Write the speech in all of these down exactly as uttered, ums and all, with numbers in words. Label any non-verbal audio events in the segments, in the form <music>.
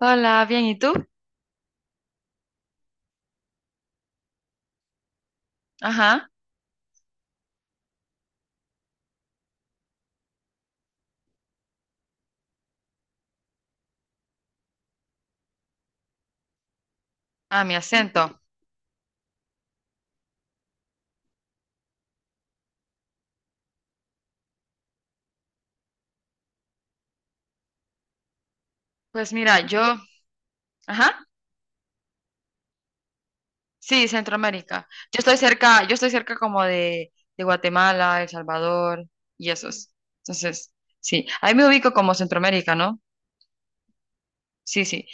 Hola, bien, ¿y tú? Ajá, a mi acento. Pues mira, yo, ajá, sí, Centroamérica. Yo estoy cerca, yo estoy cerca como de, de Guatemala, El Salvador y esos. Entonces, sí, ahí me ubico como Centroamérica, ¿no? Sí, sí,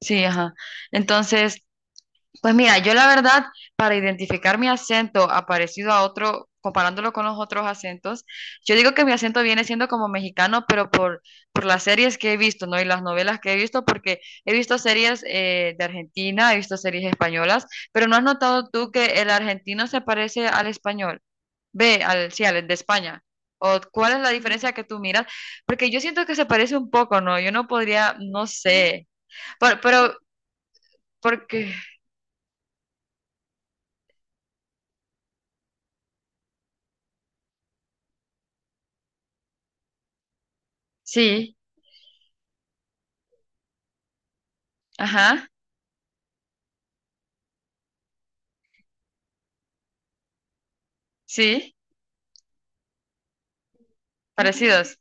sí, ajá. Entonces, pues mira, yo la verdad, para identificar mi acento a parecido a otro, comparándolo con los otros acentos, yo digo que mi acento viene siendo como mexicano, pero por, por las series que he visto, ¿no? Y las novelas que he visto, porque he visto series eh, de Argentina, he visto series españolas, pero ¿no has notado tú que el argentino se parece al español? Ve, al, sí, al de España. ¿O cuál es la diferencia que tú miras? Porque yo siento que se parece un poco, ¿no? Yo no podría, no sé. Pero, pero porque, sí, ajá. Sí, parecidos.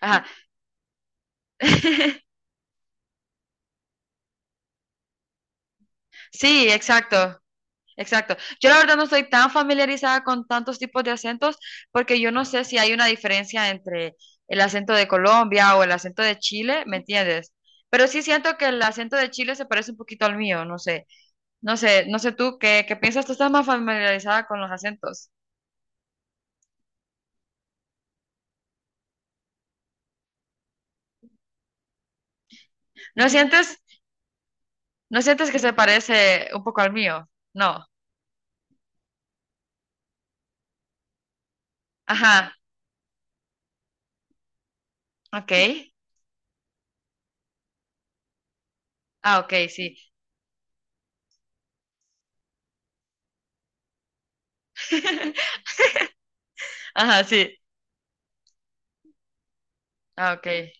Ajá. <clears throat> <laughs> Sí, exacto, exacto. Yo la verdad no estoy tan familiarizada con tantos tipos de acentos porque yo no sé si hay una diferencia entre el acento de Colombia o el acento de Chile, ¿me entiendes? Pero sí siento que el acento de Chile se parece un poquito al mío, no sé. No sé, no sé tú qué, qué piensas, tú estás más familiarizada con los acentos. ¿No sientes, ¿no sientes que se parece un poco al mío? No. Ajá, ok. Ah, ok, sí. <laughs> Ajá, sí. Ah, ok.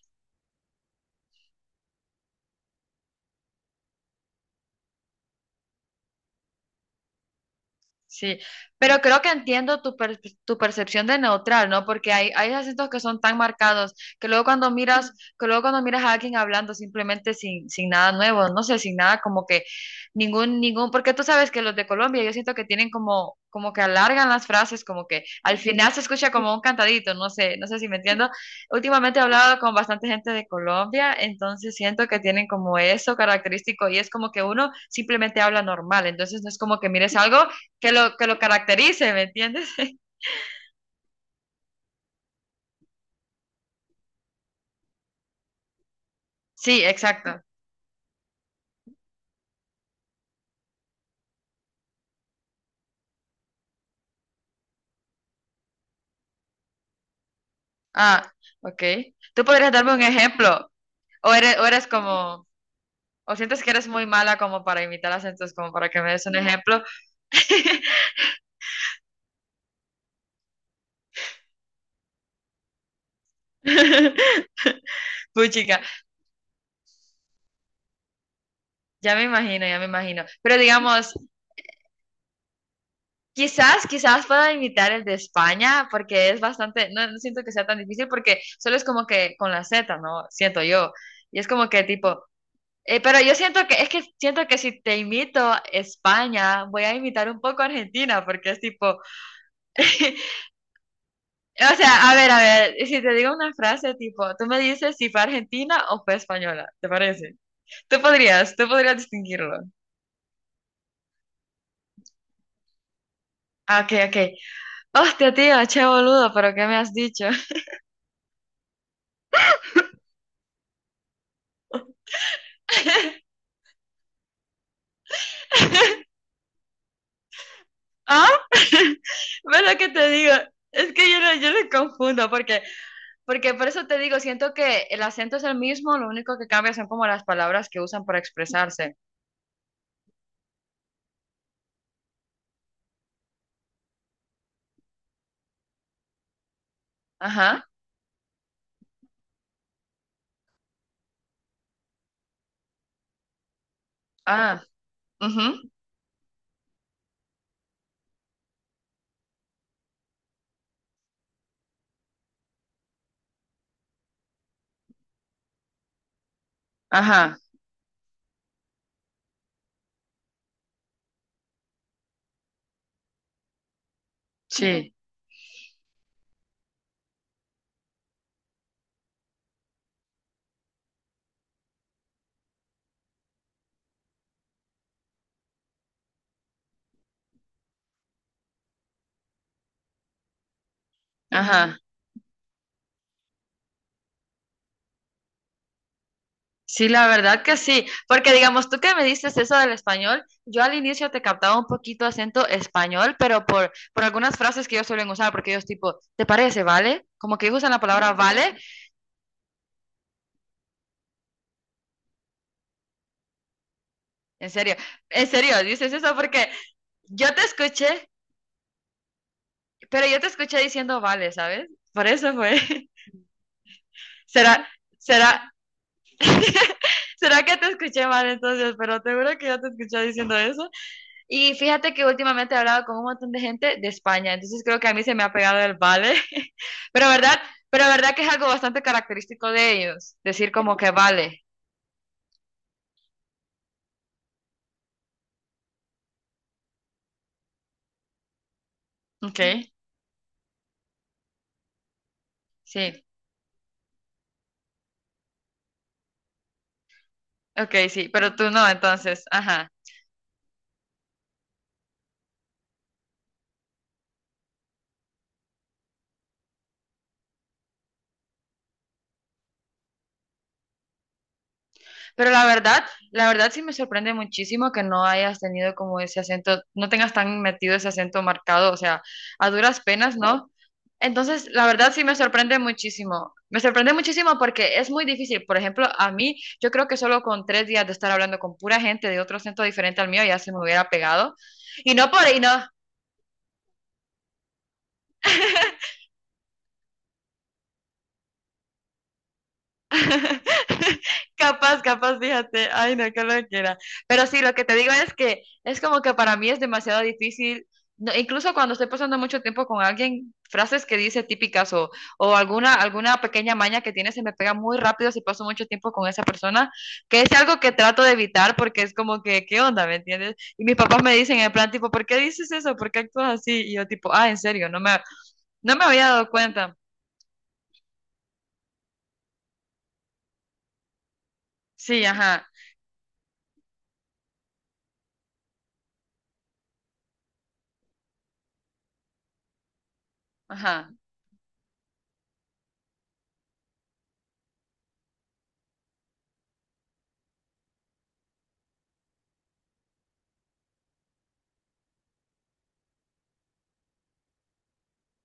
Sí, pero creo que entiendo tu, per- tu percepción de neutral, ¿no? Porque hay, hay acentos que son tan marcados que luego cuando miras, que luego cuando miras a alguien hablando simplemente sin, sin nada nuevo, no sé, sin nada como que ningún, ningún, porque tú sabes que los de Colombia yo siento que tienen como, como que alargan las frases, como que al final se escucha como un cantadito, no sé, no sé si me entiendo. Últimamente he hablado con bastante gente de Colombia, entonces siento que tienen como eso característico y es como que uno simplemente habla normal, entonces no es como que mires algo que lo, que lo caracterice, ¿me entiendes? <laughs> Sí, exacto. Ah, ok. ¿Tú podrías darme un ejemplo? ¿O eres, o eres como, o sientes que eres muy mala como para imitar acentos, como para que me des un ejemplo? <laughs> Puchica, ya me imagino, ya me imagino. Pero digamos, quizás, quizás pueda imitar el de España, porque es bastante, no, no siento que sea tan difícil, porque solo es como que con la Z, ¿no? Siento yo. Y es como que tipo, Eh, pero yo siento que, es que siento que si te imito España, voy a imitar un poco Argentina, porque es tipo, <laughs> o sea, a ver, a ver, si te digo una frase tipo, tú me dices si fue argentina o fue española, ¿te parece? Tú podrías, tú podrías distinguirlo. Ah, ok, ok. Hostia, tío, che boludo, pero ¿qué me has dicho? <laughs> ¿Ah? <laughs> ¿Ves lo que te digo? Es que yo no, yo lo confundo, porque, porque por eso te digo, siento que el acento es el mismo, lo único que cambia son como las palabras que usan para expresarse. Ajá. Ah, ujú, ajá, sí, ajá. Sí, la verdad que sí, porque digamos tú que me dices eso del español, yo al inicio te captaba un poquito acento español, pero por, por algunas frases que ellos suelen usar, porque ellos tipo, ¿te parece, vale? Como que ellos usan la palabra vale, en serio, en serio, dices eso porque yo te escuché, pero yo te escuché diciendo vale, ¿sabes? Por eso fue. <laughs> ¿Será, será, <laughs> ¿será que te escuché mal entonces? Pero te juro que yo te escuché diciendo eso. Y fíjate que últimamente he hablado con un montón de gente de España, entonces creo que a mí se me ha pegado el vale, <laughs> pero verdad, pero verdad que es algo bastante característico de ellos, decir como que vale, ok, sí, ok, sí, pero tú no, entonces, ajá. Pero la verdad, la verdad sí me sorprende muchísimo que no hayas tenido como ese acento, no tengas tan metido ese acento marcado, o sea, a duras penas, ¿no? Entonces, la verdad sí me sorprende muchísimo. Me sorprende muchísimo porque es muy difícil. Por ejemplo, a mí, yo creo que solo con tres días de estar hablando con pura gente de otro acento diferente al mío ya se me hubiera pegado. Y no por, y no, <laughs> capaz, capaz, fíjate, ay, no, que lo quiera. Pero sí, lo que te digo es que es como que para mí es demasiado difícil, no, incluso cuando estoy pasando mucho tiempo con alguien, frases que dice típicas o, o alguna, alguna pequeña maña que tiene se me pega muy rápido si paso mucho tiempo con esa persona, que es algo que trato de evitar porque es como que, ¿qué onda? ¿Me entiendes? Y mis papás me dicen en plan, tipo, ¿por qué dices eso? ¿Por qué actúas así? Y yo tipo, ah, en serio, no me, no me había dado cuenta. Sí, ajá, ajá,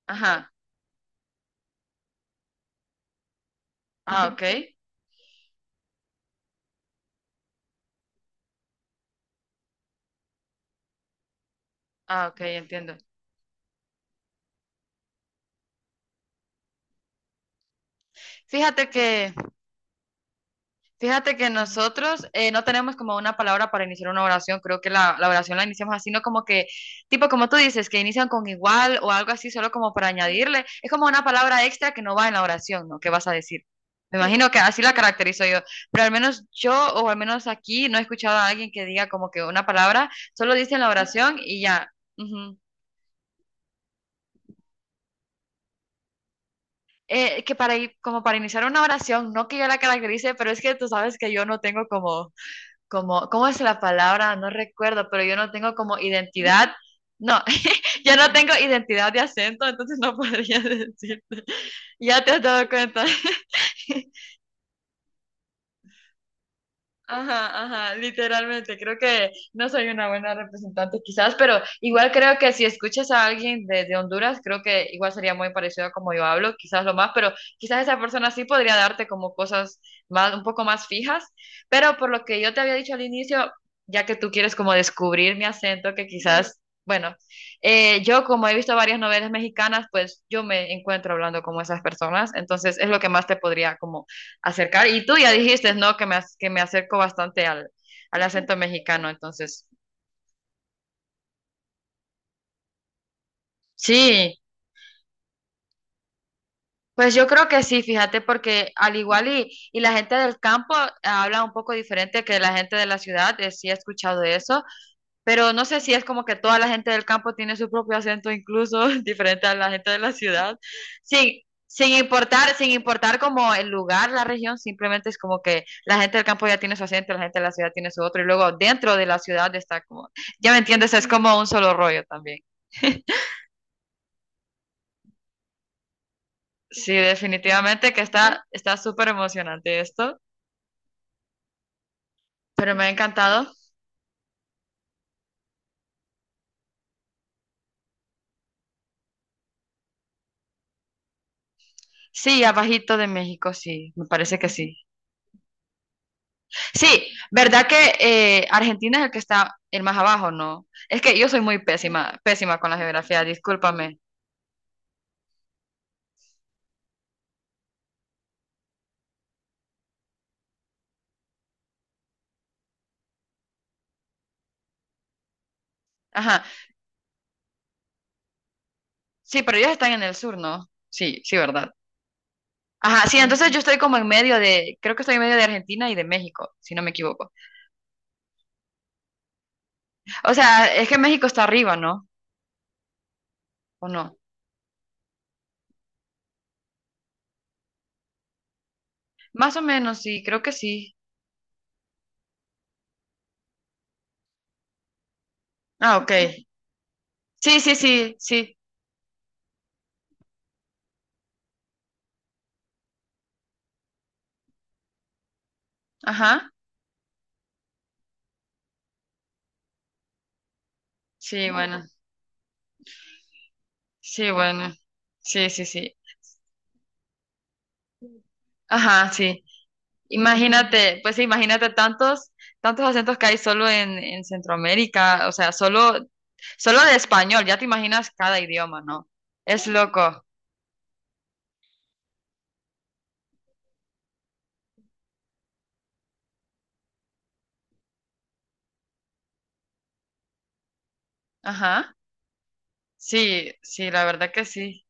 ajá. Ah, ok. Ah, ok, entiendo. Fíjate que, fíjate que nosotros eh, no tenemos como una palabra para iniciar una oración. Creo que la, la oración la iniciamos así, no como que, tipo como tú dices, que inician con igual o algo así, solo como para añadirle. Es como una palabra extra que no va en la oración, ¿no? ¿Qué vas a decir? Me imagino que así la caracterizo yo. Pero al menos yo, o al menos aquí, no he escuchado a alguien que diga como que una palabra, solo dice en la oración y ya. Ujú. Eh, que para, i- como para iniciar una oración, no que yo la caracterice, pero es que tú sabes que yo no tengo como como, ¿cómo es la palabra? No recuerdo, pero yo no tengo como identidad. No, <laughs> yo no tengo identidad de acento, entonces no podría <laughs> decirte. Ya te has dado cuenta. <laughs> Ajá, ajá, literalmente, creo que no soy una buena representante quizás, pero igual creo que si escuchas a alguien de, de Honduras, creo que igual sería muy parecido a como yo hablo, quizás lo más, pero quizás esa persona sí podría darte como cosas más, un poco más fijas, pero por lo que yo te había dicho al inicio, ya que tú quieres como descubrir mi acento, que quizás, bueno, eh, yo como he visto varias novelas mexicanas, pues yo me encuentro hablando como esas personas, entonces es lo que más te podría como acercar. Y tú ya dijiste, ¿no? Que me, ac- que me acerco bastante al, al acento mexicano. Entonces, sí, pues yo creo que sí, fíjate, porque al igual y, y la gente del campo habla un poco diferente que la gente de la ciudad, eh, sí he escuchado eso. Pero no sé si es como que toda la gente del campo tiene su propio acento, incluso <laughs> diferente a la gente de la ciudad. Sin, sin importar, sin importar como el lugar, la región, simplemente es como que la gente del campo ya tiene su acento, la gente de la ciudad tiene su otro, y luego dentro de la ciudad está como, ya me entiendes, es como un solo rollo también. Sí, definitivamente que está, está súper emocionante esto, pero me ha encantado. Sí, abajito de México, sí, me parece que sí. Sí, ¿verdad que eh, Argentina es el que está el más abajo, no? Es que yo soy muy pésima, pésima con la geografía, discúlpame. Ajá, sí, pero ellos están en el sur, ¿no? Sí, sí, ¿verdad? Ajá, sí, entonces yo estoy como en medio de, creo que estoy en medio de Argentina y de México, si no me equivoco. O sea, es que México está arriba, ¿no? ¿O no? Más o menos, sí, creo que sí. Ah, ok. Sí, sí, sí, sí. Ajá. Sí, bueno. Sí, bueno. Sí, sí, sí. Ajá, sí. Imagínate, pues sí, imagínate tantos, tantos acentos que hay solo en, en Centroamérica, o sea, solo, solo de español, ya te imaginas cada idioma, ¿no? Es loco. Ajá. Sí, sí, la verdad que sí.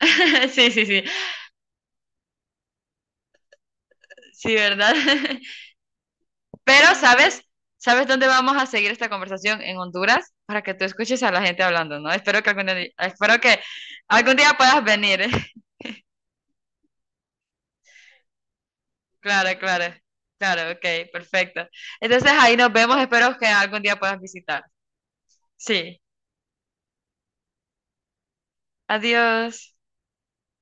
<laughs> Sí, sí, sí. Sí, ¿verdad? <laughs> Pero, ¿sabes? ¿Sabes dónde vamos a seguir esta conversación? En Honduras, para que tú escuches a la gente hablando, ¿no? Espero que algún día, espero que algún día puedas venir. <laughs> Claro, claro. Claro, ok, perfecto. Entonces ahí nos vemos, espero que algún día puedas visitar. Sí, adiós.